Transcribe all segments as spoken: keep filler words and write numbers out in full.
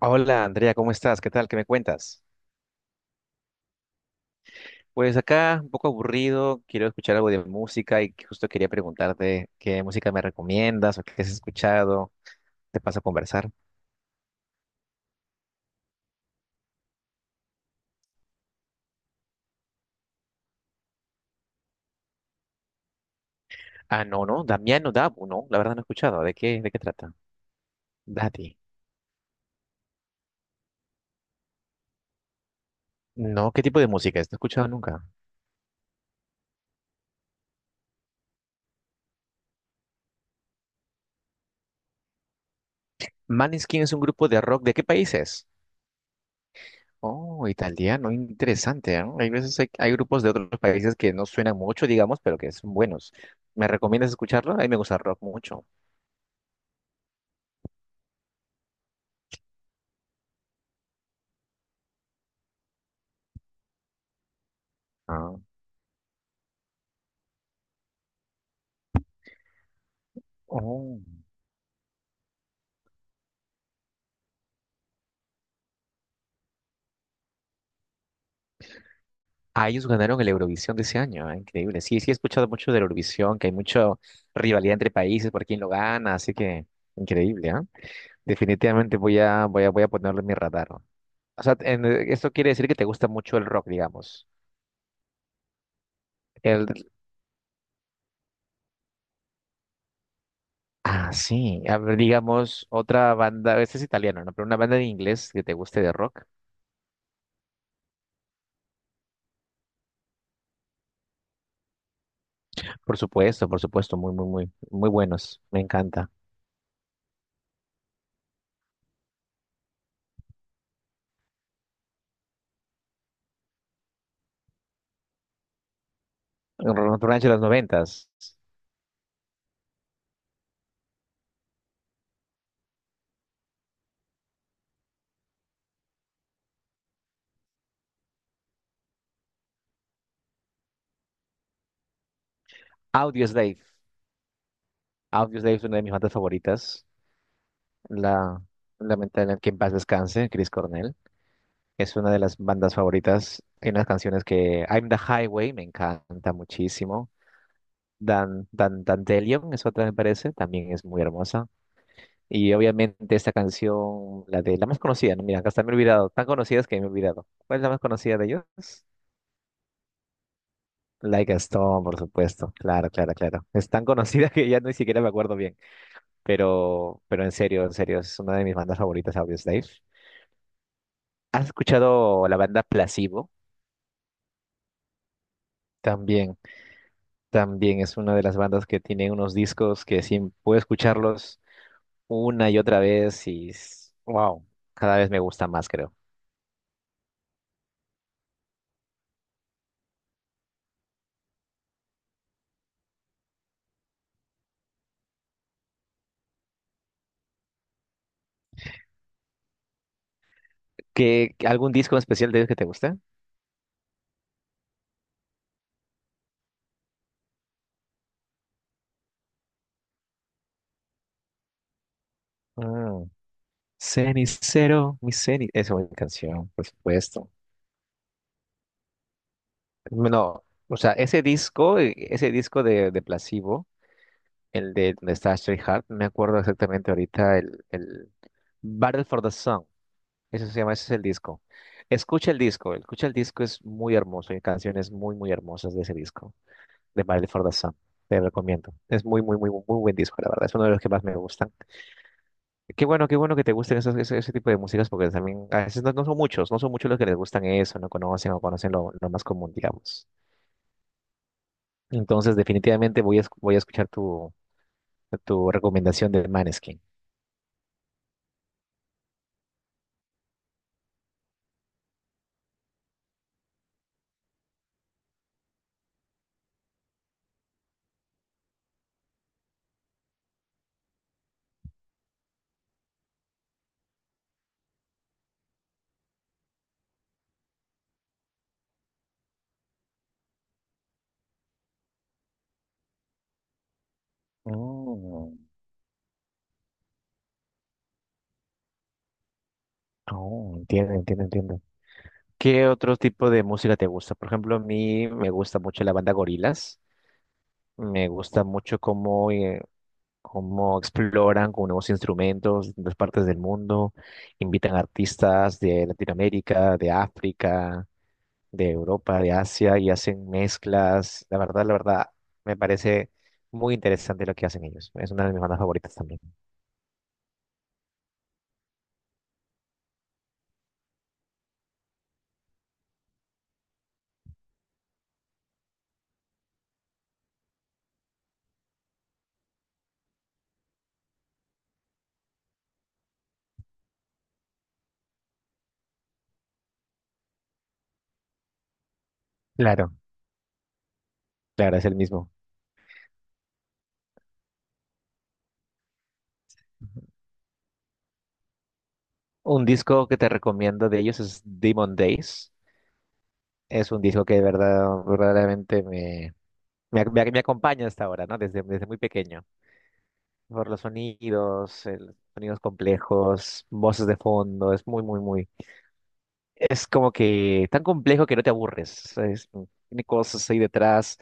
Hola Andrea, ¿cómo estás? ¿Qué tal? ¿Qué me cuentas? Pues acá un poco aburrido, quiero escuchar algo de música y justo quería preguntarte qué música me recomiendas o qué has escuchado. ¿Te paso a conversar? Ah, no, no, Damiano Dabu, no, la verdad no he escuchado. ¿De qué, de qué trata? Daddy. No, ¿qué tipo de música es? No he escuchado nunca. Maneskin es un grupo de rock, ¿de qué países? Oh, italiano, interesante, ¿no? Hay veces hay, hay grupos de otros países que no suenan mucho, digamos, pero que son buenos. ¿Me recomiendas escucharlo? A mí me gusta el rock mucho. Ah, oh. Ah, ellos ganaron el Eurovisión de ese año, ah, increíble. Sí, sí he escuchado mucho del Eurovisión, que hay mucha rivalidad entre países por quién lo gana, así que increíble, ¿ah? Definitivamente voy a, voy a, voy a ponerlo en mi radar. O sea, en- eh, esto quiere decir que te gusta mucho el rock, digamos. El, ah, sí. A ver, digamos, otra banda, este es italiano, ¿no? Pero una banda de inglés que te guste de rock. Por supuesto, por supuesto, muy, muy, muy, muy buenos. Me encanta. Grunge de los noventas. Audioslave. Audioslave es una de mis bandas favoritas. La Lamentablemente que en paz descanse, Chris Cornell. Es una de las bandas favoritas. Hay unas canciones que I'm the Highway me encanta muchísimo. Dan, Dan, Dandelion es otra, me parece, también es muy hermosa. Y obviamente esta canción, la de la más conocida, ¿no? Mira, hasta me he olvidado, tan conocidas que me he olvidado. ¿Cuál es la más conocida de ellos? Like a Stone, por supuesto. Claro, claro, claro. Es tan conocida que ya ni siquiera me acuerdo bien. Pero, pero en serio, en serio, es una de mis bandas favoritas, Audioslave. ¿Has escuchado la banda Placebo? También, también es una de las bandas que tiene unos discos que sí puedo escucharlos una y otra vez y s- wow, cada vez me gusta más, creo. ¿Qué, algún disco especial de ellos que te guste? Mm, Cenicero, mi cenicero. Esa es mi canción, por supuesto. No, o sea, ese disco, eh, ese disco de, de Placebo, el de donde está Stray Heart, me acuerdo exactamente ahorita el, el Battle for the Sun. Eso se llama, ese es el disco. Escucha el disco, escucha el disco, es muy hermoso. Hay canciones muy, muy hermosas de ese disco, de Battle for the Sun. Te recomiendo. Es muy, muy, muy, muy buen disco, la verdad. Es uno de los que más me gustan. Qué bueno, qué bueno que te gusten esos, ese, ese tipo de músicas, porque también a veces no, no son muchos, no son muchos los que les gustan eso, no conocen o conocen lo, lo más común, digamos. Entonces, definitivamente voy a, esc- voy a escuchar tu, tu recomendación de Maneskin. Oh, oh, entiendo, entiendo, entiendo. ¿Qué otro tipo de música te gusta? Por ejemplo, a mí me gusta mucho la banda Gorilas. Me gusta mucho cómo, eh, cómo exploran con nuevos instrumentos de las partes del mundo. Invitan artistas de Latinoamérica, de África, de Europa, de Asia y hacen mezclas. La verdad, la verdad, me parece muy interesante lo que hacen ellos. Es una de mis bandas favoritas también. Claro, claro, es el mismo. Un disco que te recomiendo de ellos es Demon Days. Es un disco que de verdad, verdaderamente me, me, ac- me me acompaña hasta ahora, ¿no? Desde, desde muy pequeño. Por los sonidos, el- sonidos complejos, voces de fondo, es muy, muy, muy. Es como que tan complejo que no te aburres. es- Tiene cosas ahí detrás.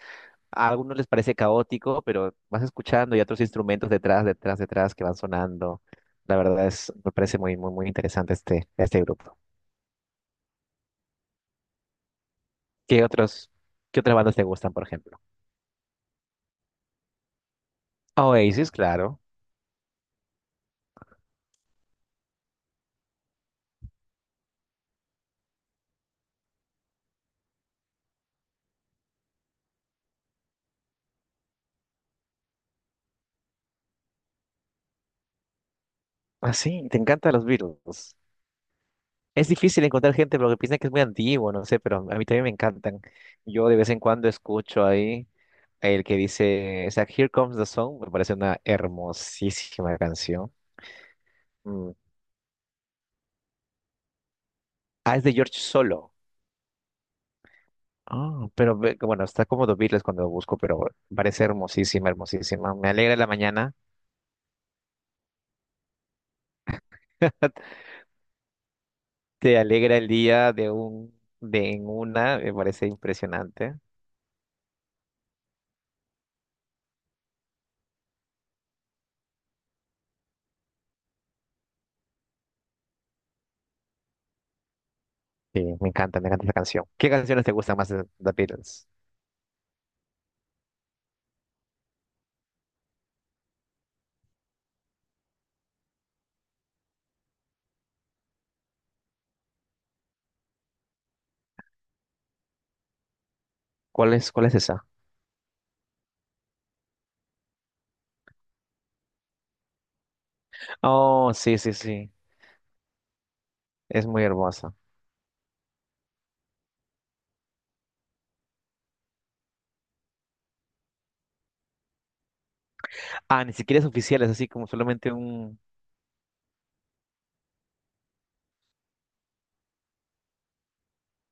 A algunos les parece caótico, pero vas escuchando y otros instrumentos detrás, detrás, detrás que van sonando. La verdad es, me parece muy, muy, muy interesante este, este grupo. ¿Qué otros, qué otras bandas te gustan, por ejemplo? Oasis, claro. Ah, sí, te encantan los Beatles. Es difícil encontrar gente porque piensan que es muy antiguo, no sé, pero a mí también me encantan. Yo de vez en cuando escucho ahí el que dice, o sea, Here Comes the Sun, me parece una hermosísima canción. Mm. Ah, es de George Solo. Ah, pero ve- bueno, está como The Beatles cuando lo busco, pero parece hermosísima, hermosísima. Me alegra la mañana, te alegra el día de un, de en una, me parece impresionante. Sí, me encanta, me encanta esa canción. ¿Qué canciones te gustan más de The Beatles? ¿Cuál es, cuál es esa? Oh, sí, sí, sí. Es muy hermosa. Ah, ni siquiera es oficial, es así como solamente un...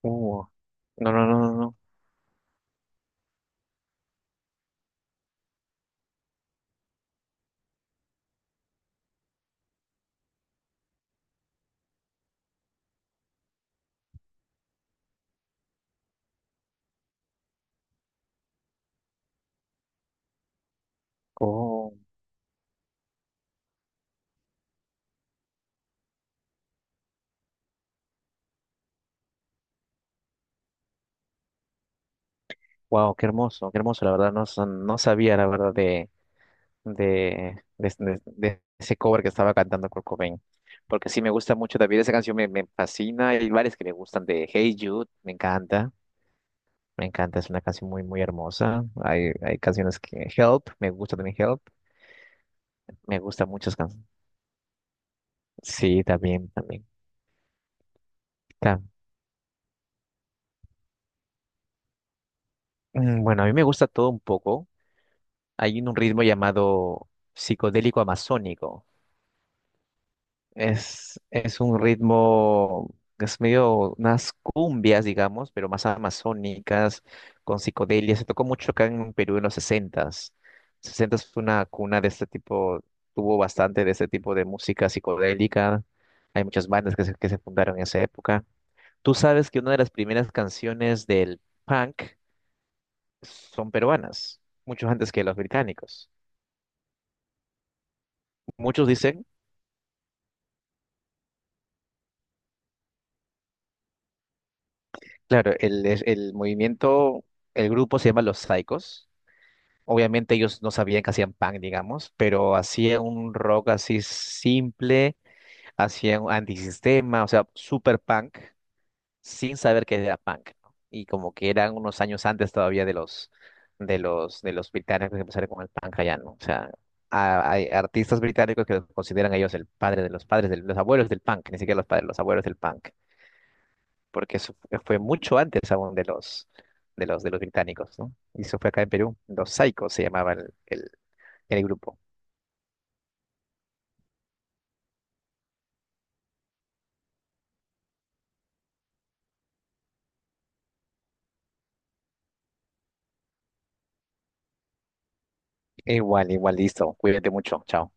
Uh, no, no, no, no, no. Oh, wow, qué hermoso, qué hermoso, la verdad. No, sa- no sabía, la verdad, de, de, de, de- de ese cover que estaba cantando Kurt Cobain. Porque sí, me gusta mucho también esa canción, me, me fascina. Hay varias que me gustan de Hey Jude, me encanta. Me encanta, es una canción muy, muy hermosa. Hay, hay canciones que... Help, me gusta también Help. Me gusta muchas canciones. Sí, también, también. Mm, Bueno, a mí me gusta todo un poco. Hay un ritmo llamado psicodélico amazónico. Es, es un ritmo, es medio unas cumbias, digamos, pero más amazónicas, con psicodelia. Se tocó mucho acá en Perú en los sesentas. sesentas fue una cuna de este tipo, tuvo bastante de este tipo de música psicodélica. Hay muchas bandas que se, que se fundaron en esa época. Tú sabes que una de las primeras canciones del punk son peruanas, muchos antes que los británicos. Muchos dicen, claro, el, es- el movimiento, el grupo se llama Los Saicos. Obviamente ellos no sabían que hacían punk, digamos, pero hacían un rock así simple, hacían un antisistema, o sea, super punk. Sin saber que era punk, ¿no? Y como que eran unos años antes todavía de los de los de los británicos que empezaron con el punk allá, ¿no? O sea, a- hay artistas británicos que los consideran a ellos el padre de los padres, de los abuelos del punk, ni siquiera los padres, los abuelos del punk, porque eso fue fue mucho antes aún de los de los de los británicos, ¿no? Y eso fue acá en Perú, los Psychos se llamaba el, el, el grupo. Igual, igual, listo. Cuídate mucho. Chao.